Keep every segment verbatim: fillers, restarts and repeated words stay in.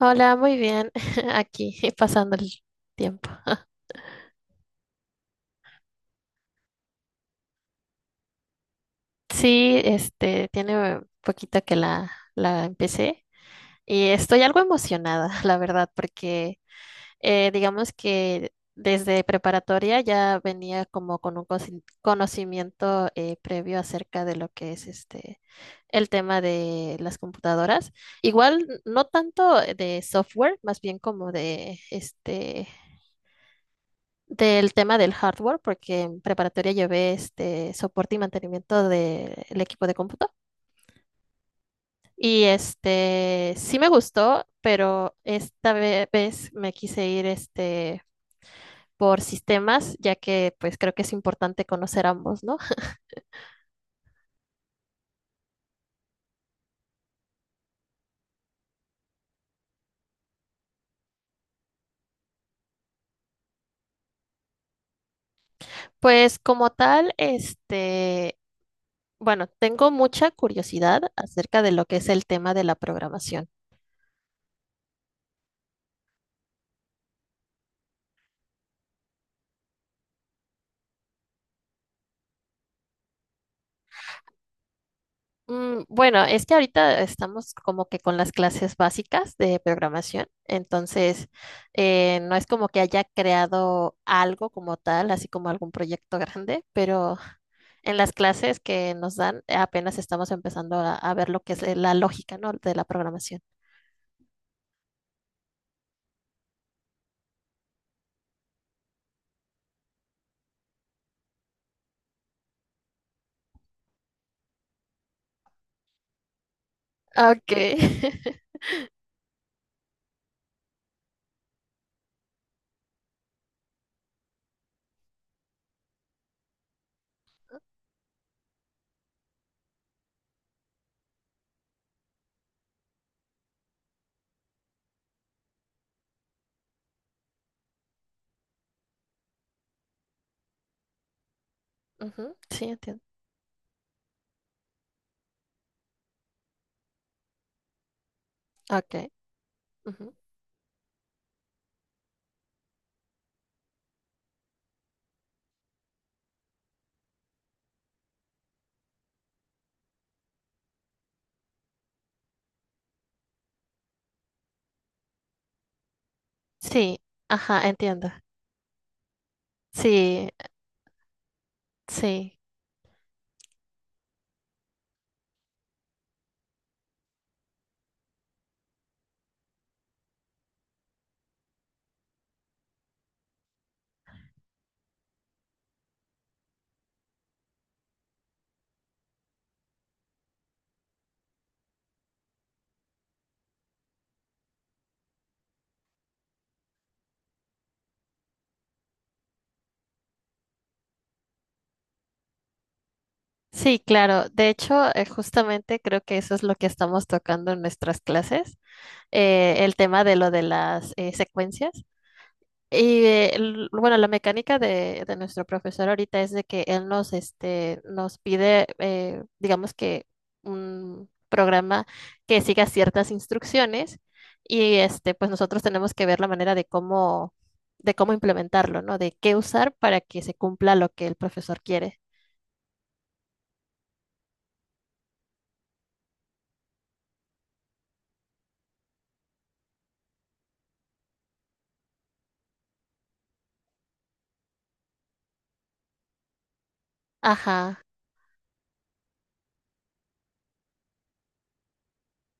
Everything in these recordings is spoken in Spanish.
Hola, muy bien. Aquí pasando el tiempo. Sí, este, tiene poquito que la, la empecé y estoy algo emocionada, la verdad, porque eh, digamos que desde preparatoria ya venía como con un cosi- conocimiento eh, previo acerca de lo que es este el tema de las computadoras. Igual no tanto eh, de software, más bien como de este del tema del hardware, porque en preparatoria llevé este soporte y mantenimiento del equipo de cómputo. Y este sí me gustó, pero esta ve- vez me quise ir este por sistemas, ya que pues creo que es importante conocer ambos, ¿no? Pues como tal, este, bueno, tengo mucha curiosidad acerca de lo que es el tema de la programación. Mm, Bueno, es que ahorita estamos como que con las clases básicas de programación, entonces eh, no es como que haya creado algo como tal, así como algún proyecto grande, pero en las clases que nos dan eh, apenas estamos empezando a, a ver lo que es la lógica, ¿no?, de la programación. Ah, ok. Ujú, sí, entiendo. Ok, ujú. Sí, ajá, entiendo. Sí, sí. Sí, claro. De hecho, eh, justamente creo que eso es lo que estamos tocando en nuestras clases, eh, el tema de lo de las eh, secuencias. Y eh, l- bueno, la mecánica de, de nuestro profesor ahorita es de que él nos, este, nos pide, eh, digamos que un programa que siga ciertas instrucciones y este, pues nosotros tenemos que ver la manera de cómo, de cómo implementarlo, ¿no? De qué usar para que se cumpla lo que el profesor quiere. Ajá.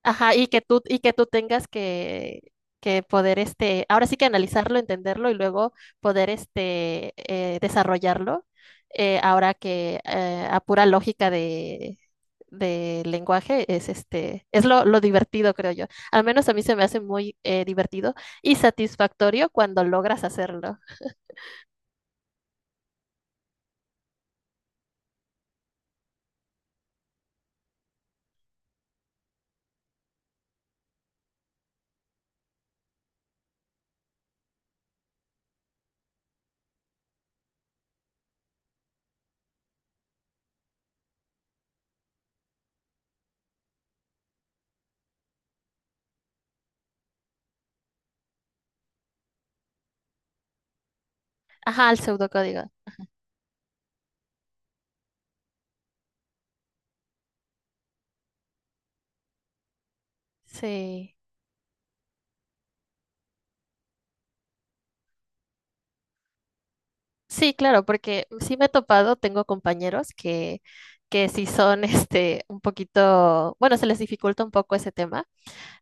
Ajá, y que tú, y que tú tengas que, que poder, este, ahora sí que analizarlo, entenderlo y luego poder, este, eh, desarrollarlo, eh, ahora que eh, a pura lógica de, de lenguaje es, este, es lo, lo divertido, creo yo. Al menos a mí se me hace muy eh, divertido y satisfactorio cuando logras hacerlo. Ajá, el pseudocódigo. Sí. Sí, claro, porque sí me he topado, tengo compañeros que, que sí son este un poquito, bueno, se les dificulta un poco ese tema.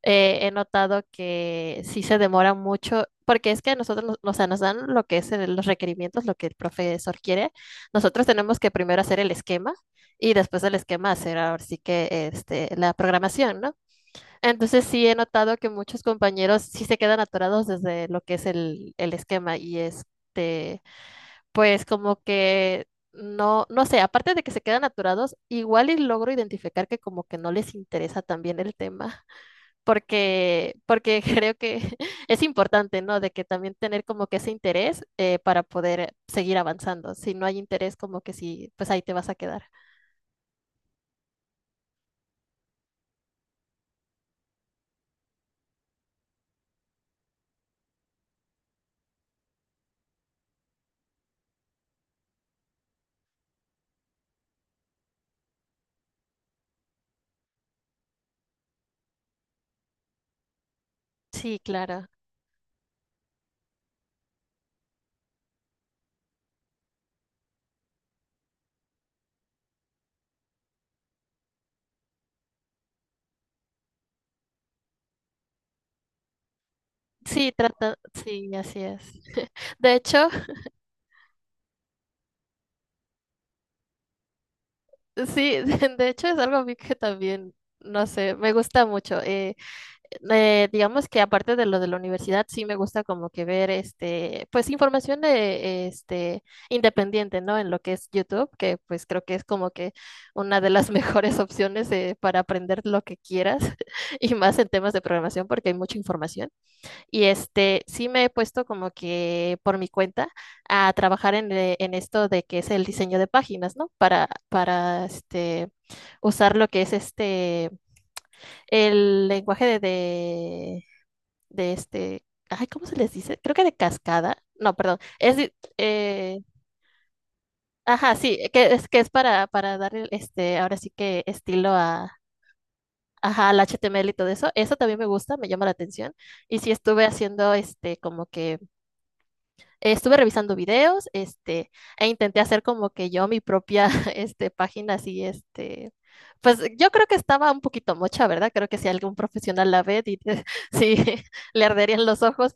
Eh, he notado que sí se demora mucho, porque es que a nosotros, nos- o sea, nos dan lo que es el- los requerimientos, lo que el profesor quiere. Nosotros tenemos que primero hacer el esquema y después del esquema hacer ahora sí que este, la programación, ¿no? Entonces sí he notado que muchos compañeros sí se quedan atorados desde lo que es el, el esquema y este pues como que no, no sé, aparte de que se quedan aturados, igual y logro identificar que como que no les interesa también el tema, porque, porque creo que es importante, ¿no? De que también tener como que ese interés eh, para poder seguir avanzando. Si no hay interés, como que sí, pues ahí te vas a quedar. Sí, claro. Sí, trata, sí, así es. De hecho, sí, de hecho es algo a mí que también, no sé, me gusta mucho. eh, eh, digamos que aparte de lo de la universidad, sí me gusta como que ver este, pues información de este independiente, ¿no? En lo que es YouTube, que pues creo que es como que una de las mejores opciones eh, para aprender lo que quieras y más en temas de programación porque hay mucha información. Y este, sí me he puesto como que por mi cuenta a trabajar en, eh, en esto de que es el diseño de páginas, ¿no? Para, para este usar lo que es este el lenguaje de, de de este, ay, ¿cómo se les dice? Creo que de cascada. No, perdón. Es de- eh, ajá, sí, que es que es para, para darle este, ahora sí que estilo a ajá, al H T M L y todo eso. Eso también me gusta, me llama la atención. Y sí estuve haciendo este como que eh, estuve revisando videos, este, e intenté hacer como que yo mi propia este página así este. Pues yo creo que estaba un poquito mocha, ¿verdad? Creo que si algún profesional la ve, di- sí, le arderían los ojos,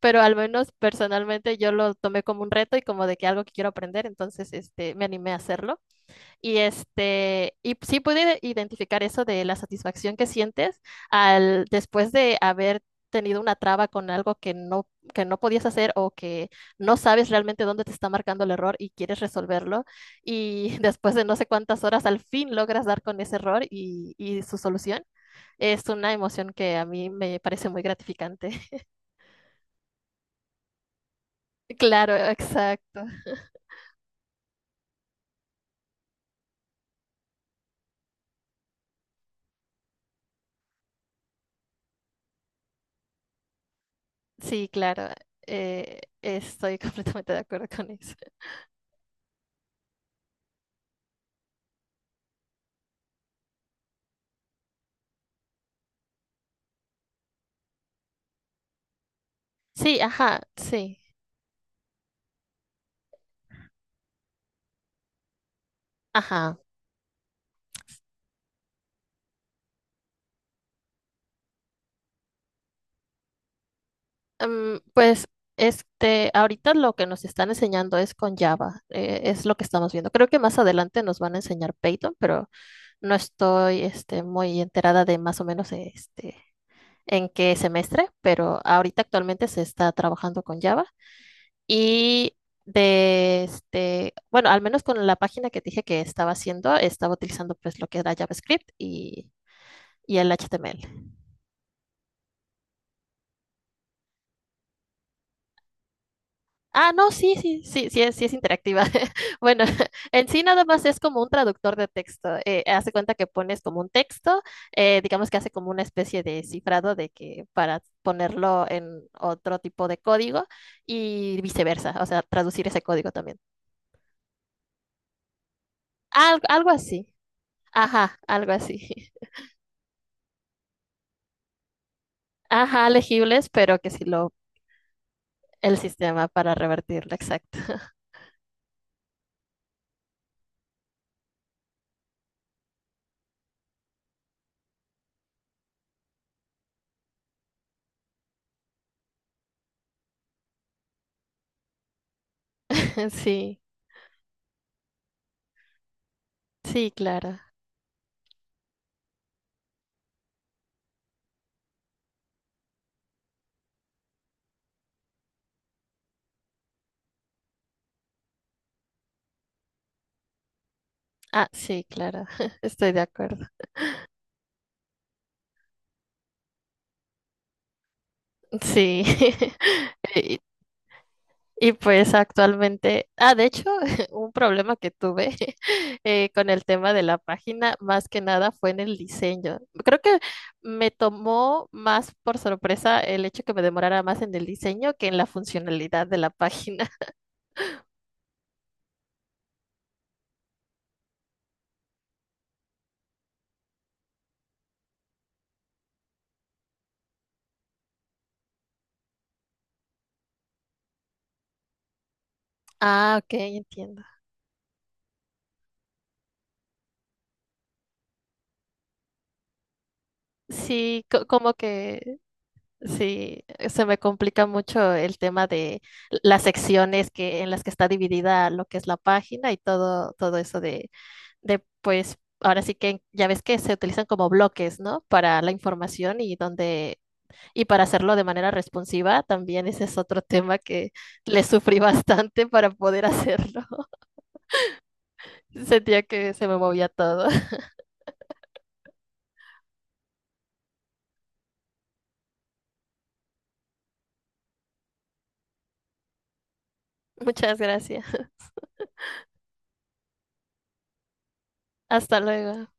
pero al menos personalmente yo lo tomé como un reto y como de que algo que quiero aprender, entonces este, me animé a hacerlo. Y, este, y sí pude identificar eso de la satisfacción que sientes al, después de haber tenido una traba con algo que no, que no podías hacer o que no sabes realmente dónde te está marcando el error y quieres resolverlo. Y después de no sé cuántas horas, al fin logras dar con ese error y, y su solución. Es una emoción que a mí me parece muy gratificante. Claro, exacto. Sí, claro, eh, estoy completamente de acuerdo con eso. Sí, ajá, sí, ajá. Em, pues este, ahorita lo que nos están enseñando es con Java, eh, es lo que estamos viendo. Creo que más adelante nos van a enseñar Python, pero no estoy este, muy enterada de más o menos este, en qué semestre, pero ahorita actualmente se está trabajando con Java. Y de este, bueno, al menos con la página que te dije que estaba haciendo, estaba utilizando pues lo que era JavaScript y, y el H T M L. Ah, no, sí, sí, sí, sí es, sí es interactiva. Bueno, en sí nada más es como un traductor de texto. Eh, hace cuenta que pones como un texto, eh, digamos que hace como una especie de cifrado de que para ponerlo en otro tipo de código y viceversa, o sea, traducir ese código también. Al- algo así. Ajá, algo así. Ajá, legibles, pero que sí lo, el sistema para revertirlo, exacto. Sí, sí, claro. Ah, sí, claro. Estoy de acuerdo. Sí. Y, y pues actualmente, ah, de hecho, un problema que tuve eh, con el tema de la página, más que nada fue en el diseño. Creo que me tomó más por sorpresa el hecho que me demorara más en el diseño que en la funcionalidad de la página. Ah, ok, entiendo. Sí, co- como que sí, se me complica mucho el tema de las secciones que, en las que está dividida lo que es la página y todo, todo eso de, de, pues, ahora sí que ya ves que se utilizan como bloques, ¿no? Para la información y donde, y para hacerlo de manera responsiva, también ese es otro tema que le sufrí bastante para poder hacerlo. Sentía que se me movía todo. Muchas gracias. Hasta luego.